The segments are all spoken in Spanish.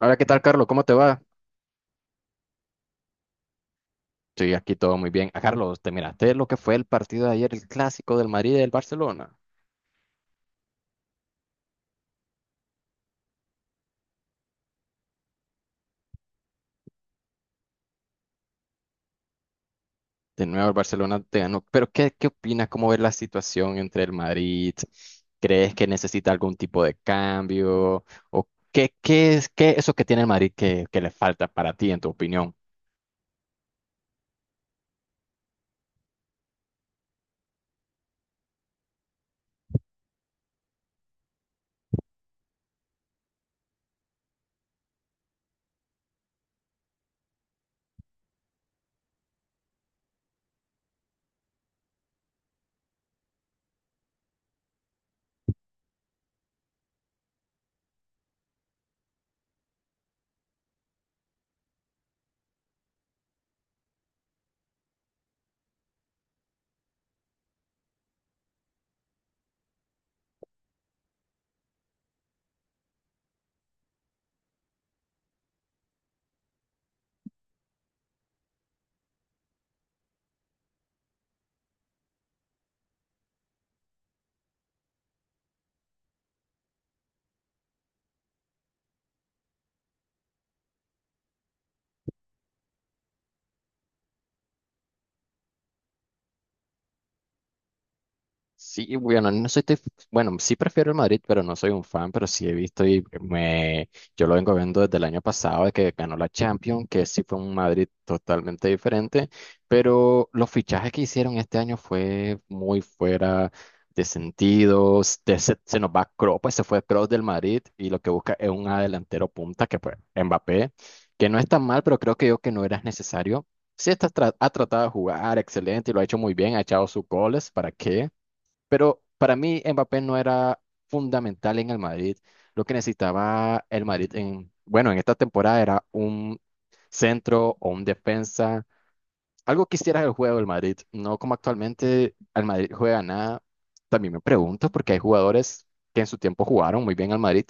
Hola, ¿qué tal, Carlos? ¿Cómo te va? Sí, aquí todo muy bien. Ah, Carlos, ¿te miraste lo que fue el partido de ayer, el clásico del Madrid y del Barcelona? De nuevo, el Barcelona te ganó. Pero, ¿¿qué opinas? ¿Cómo ves la situación entre el Madrid? ¿Crees que necesita algún tipo de cambio? ¿O qué, qué es eso que tiene el Madrid que le falta para ti, en tu opinión? Sí, bueno, no soy, te- bueno, sí prefiero el Madrid, pero no soy un fan, pero sí he visto yo lo vengo viendo desde el año pasado, de que ganó la Champions, que sí fue un Madrid totalmente diferente, pero los fichajes que hicieron este año fue muy fuera de sentido, se nos va Kroos, pues se fue Kroos del Madrid y lo que busca es un delantero punta, que fue Mbappé, que no es tan mal, pero creo que yo que no era necesario. Sí, ha tratado de jugar excelente y lo ha hecho muy bien, ha echado sus goles, ¿para qué? Pero para mí Mbappé no era fundamental en el Madrid. Lo que necesitaba el Madrid bueno, en esta temporada era un centro o un defensa. Algo que hiciera el juego del Madrid, no como actualmente el Madrid juega nada. También me pregunto porque hay jugadores que en su tiempo jugaron muy bien al Madrid,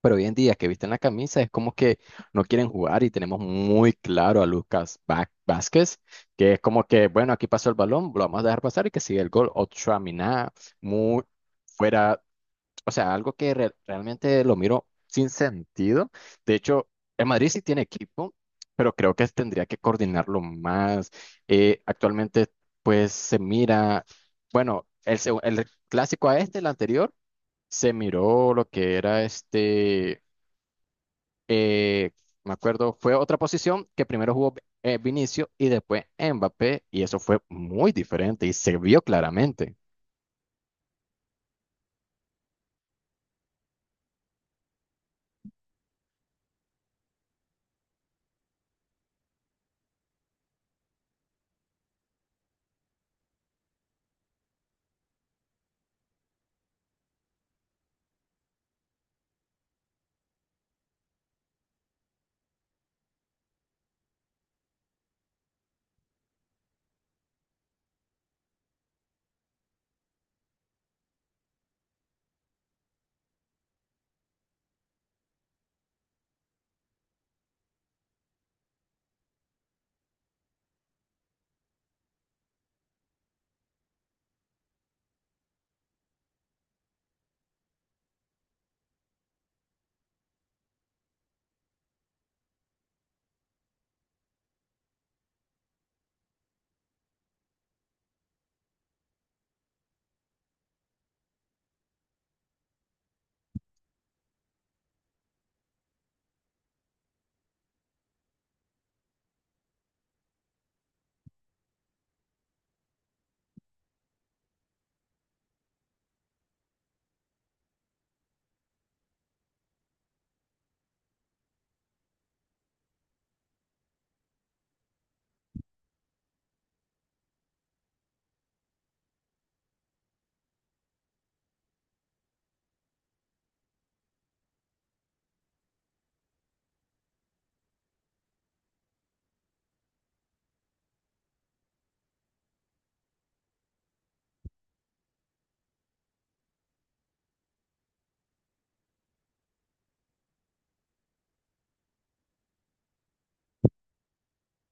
pero hoy en día que visten la camisa es como que no quieren jugar, y tenemos muy claro a Lucas Vázquez, que es como que, bueno, aquí pasó el balón, lo vamos a dejar pasar y que sigue el gol. Mina muy fuera, o sea, algo que realmente lo miro sin sentido. De hecho, el Madrid sí tiene equipo, pero creo que tendría que coordinarlo más. Actualmente, pues se mira, bueno, el clásico a este, el anterior, se miró lo que era eh, me acuerdo, fue otra posición que primero jugó Vinicio y después Mbappé, y eso fue muy diferente y se vio claramente.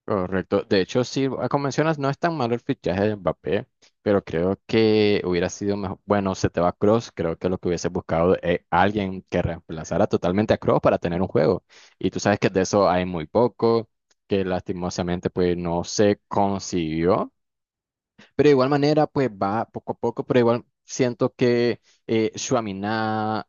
Correcto. De hecho, sí, ah, como mencionas, no es tan malo el fichaje de Mbappé, pero creo que hubiera sido mejor. Bueno, se te va Cross, creo que lo que hubiese buscado es alguien que reemplazara totalmente a Cross para tener un juego. Y tú sabes que de eso hay muy poco, que lastimosamente pues no se consiguió. Pero de igual manera, pues va poco a poco, pero igual siento que Tchouaméni,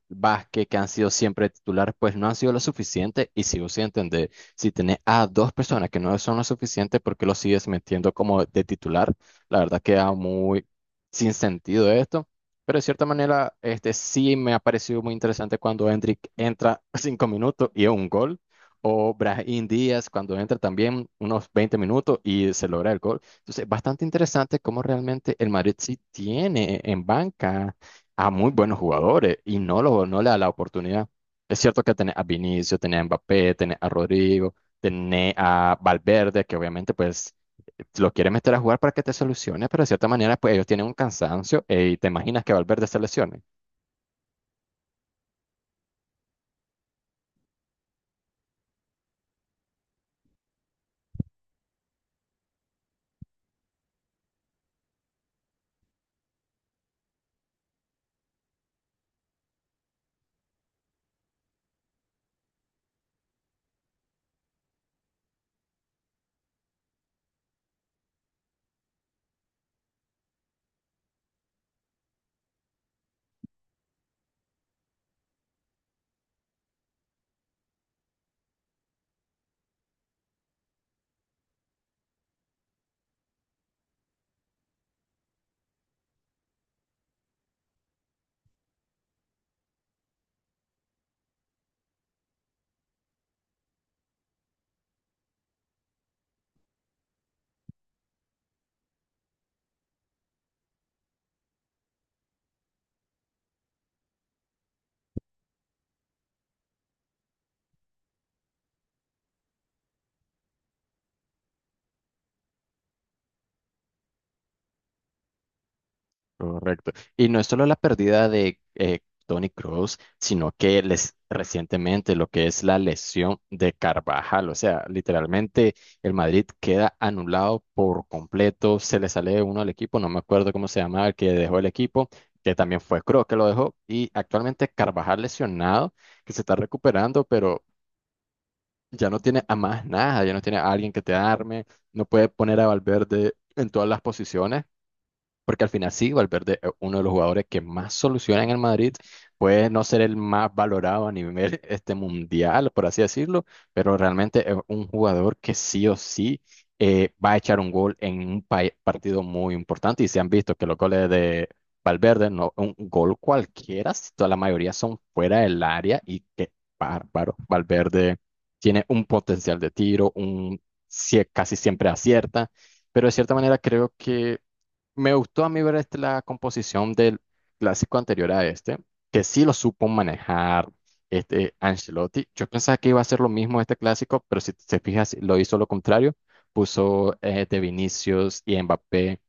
Vázquez, que han sido siempre titulares, pues no han sido lo suficiente. Y sigo sin entender, si tenés a dos personas que no son lo suficiente, ¿por qué lo sigues metiendo como de titular? La verdad queda muy sin sentido esto. Pero de cierta manera, este sí me ha parecido muy interesante cuando Hendrik entra 5 minutos y es un gol. O Brahim Díaz cuando entra también unos 20 minutos y se logra el gol. Entonces, bastante interesante cómo realmente el Madrid sí tiene en banca a muy buenos jugadores y no no le da la oportunidad. Es cierto que tenés a Vinicius, tenés a Mbappé, tenés a Rodrigo, tenés a Valverde, que obviamente pues lo quiere meter a jugar para que te solucione, pero de cierta manera pues ellos tienen un cansancio, y te imaginas que Valverde se lesione. Correcto. Y no es solo la pérdida de Tony Kroos, sino que les, recientemente, lo que es la lesión de Carvajal. O sea, literalmente el Madrid queda anulado por completo. Se le sale uno al equipo, no me acuerdo cómo se llamaba el que dejó el equipo, que también fue Kroos que lo dejó. Y actualmente Carvajal lesionado, que se está recuperando, pero ya no tiene a más nada, ya no tiene a alguien que te arme, no puede poner a Valverde en todas las posiciones. Porque al final sí, Valverde es uno de los jugadores que más soluciona en el Madrid, puede no ser el más valorado a nivel este mundial, por así decirlo, pero realmente es un jugador que sí o sí va a echar un gol en un partido muy importante. Y se han visto que los goles de Valverde, no un gol cualquiera, si toda la mayoría son fuera del área y qué bárbaro. Valverde tiene un potencial de tiro, un casi siempre acierta, pero de cierta manera creo que me gustó a mí ver la composición del clásico anterior a este, que sí lo supo manejar este Ancelotti. Yo pensaba que iba a ser lo mismo este clásico, pero si te fijas, lo hizo lo contrario. Puso de Vinicius y Mbappé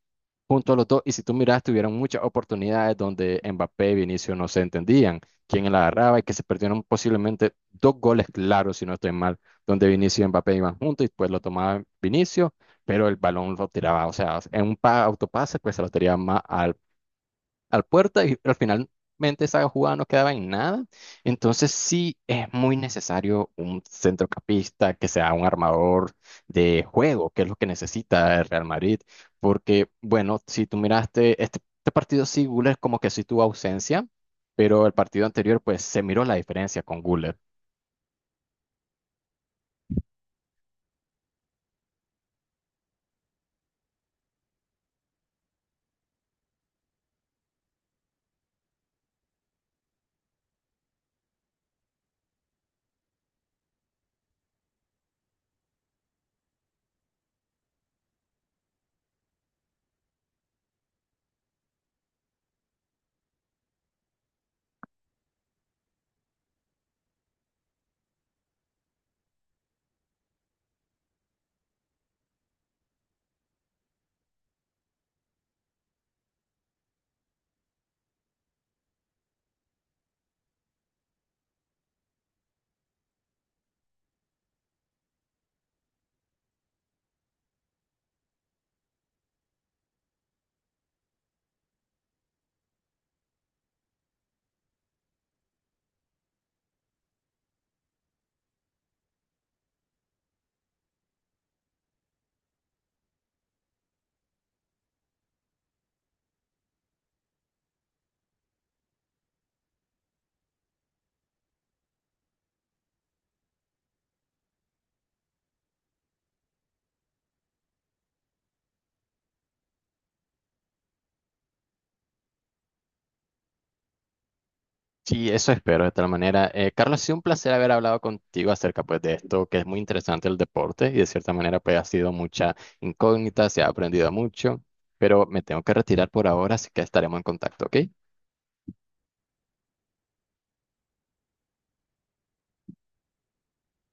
junto a los dos. Y si tú miras, tuvieron muchas oportunidades donde Mbappé y Vinicius no se entendían, quién la agarraba y que se perdieron posiblemente dos goles claros, si no estoy mal, donde Vinicius y Mbappé iban juntos y pues lo tomaba Vinicius, pero el balón lo tiraba, o sea, en un autopase, pues se lo tiraba más al puerta y al finalmente esa jugada no quedaba en nada. Entonces sí es muy necesario un centrocampista que sea un armador de juego, que es lo que necesita el Real Madrid. Porque, bueno, si tú miraste este partido, sí, Güler como que sí tuvo ausencia, pero el partido anterior pues se miró la diferencia con Güler. Sí, eso espero de tal manera. Carlos, ha sido un placer haber hablado contigo acerca pues de esto, que es muy interesante el deporte y de cierta manera pues ha sido mucha incógnita, se ha aprendido mucho, pero me tengo que retirar por ahora, así que estaremos en contacto, ¿ok?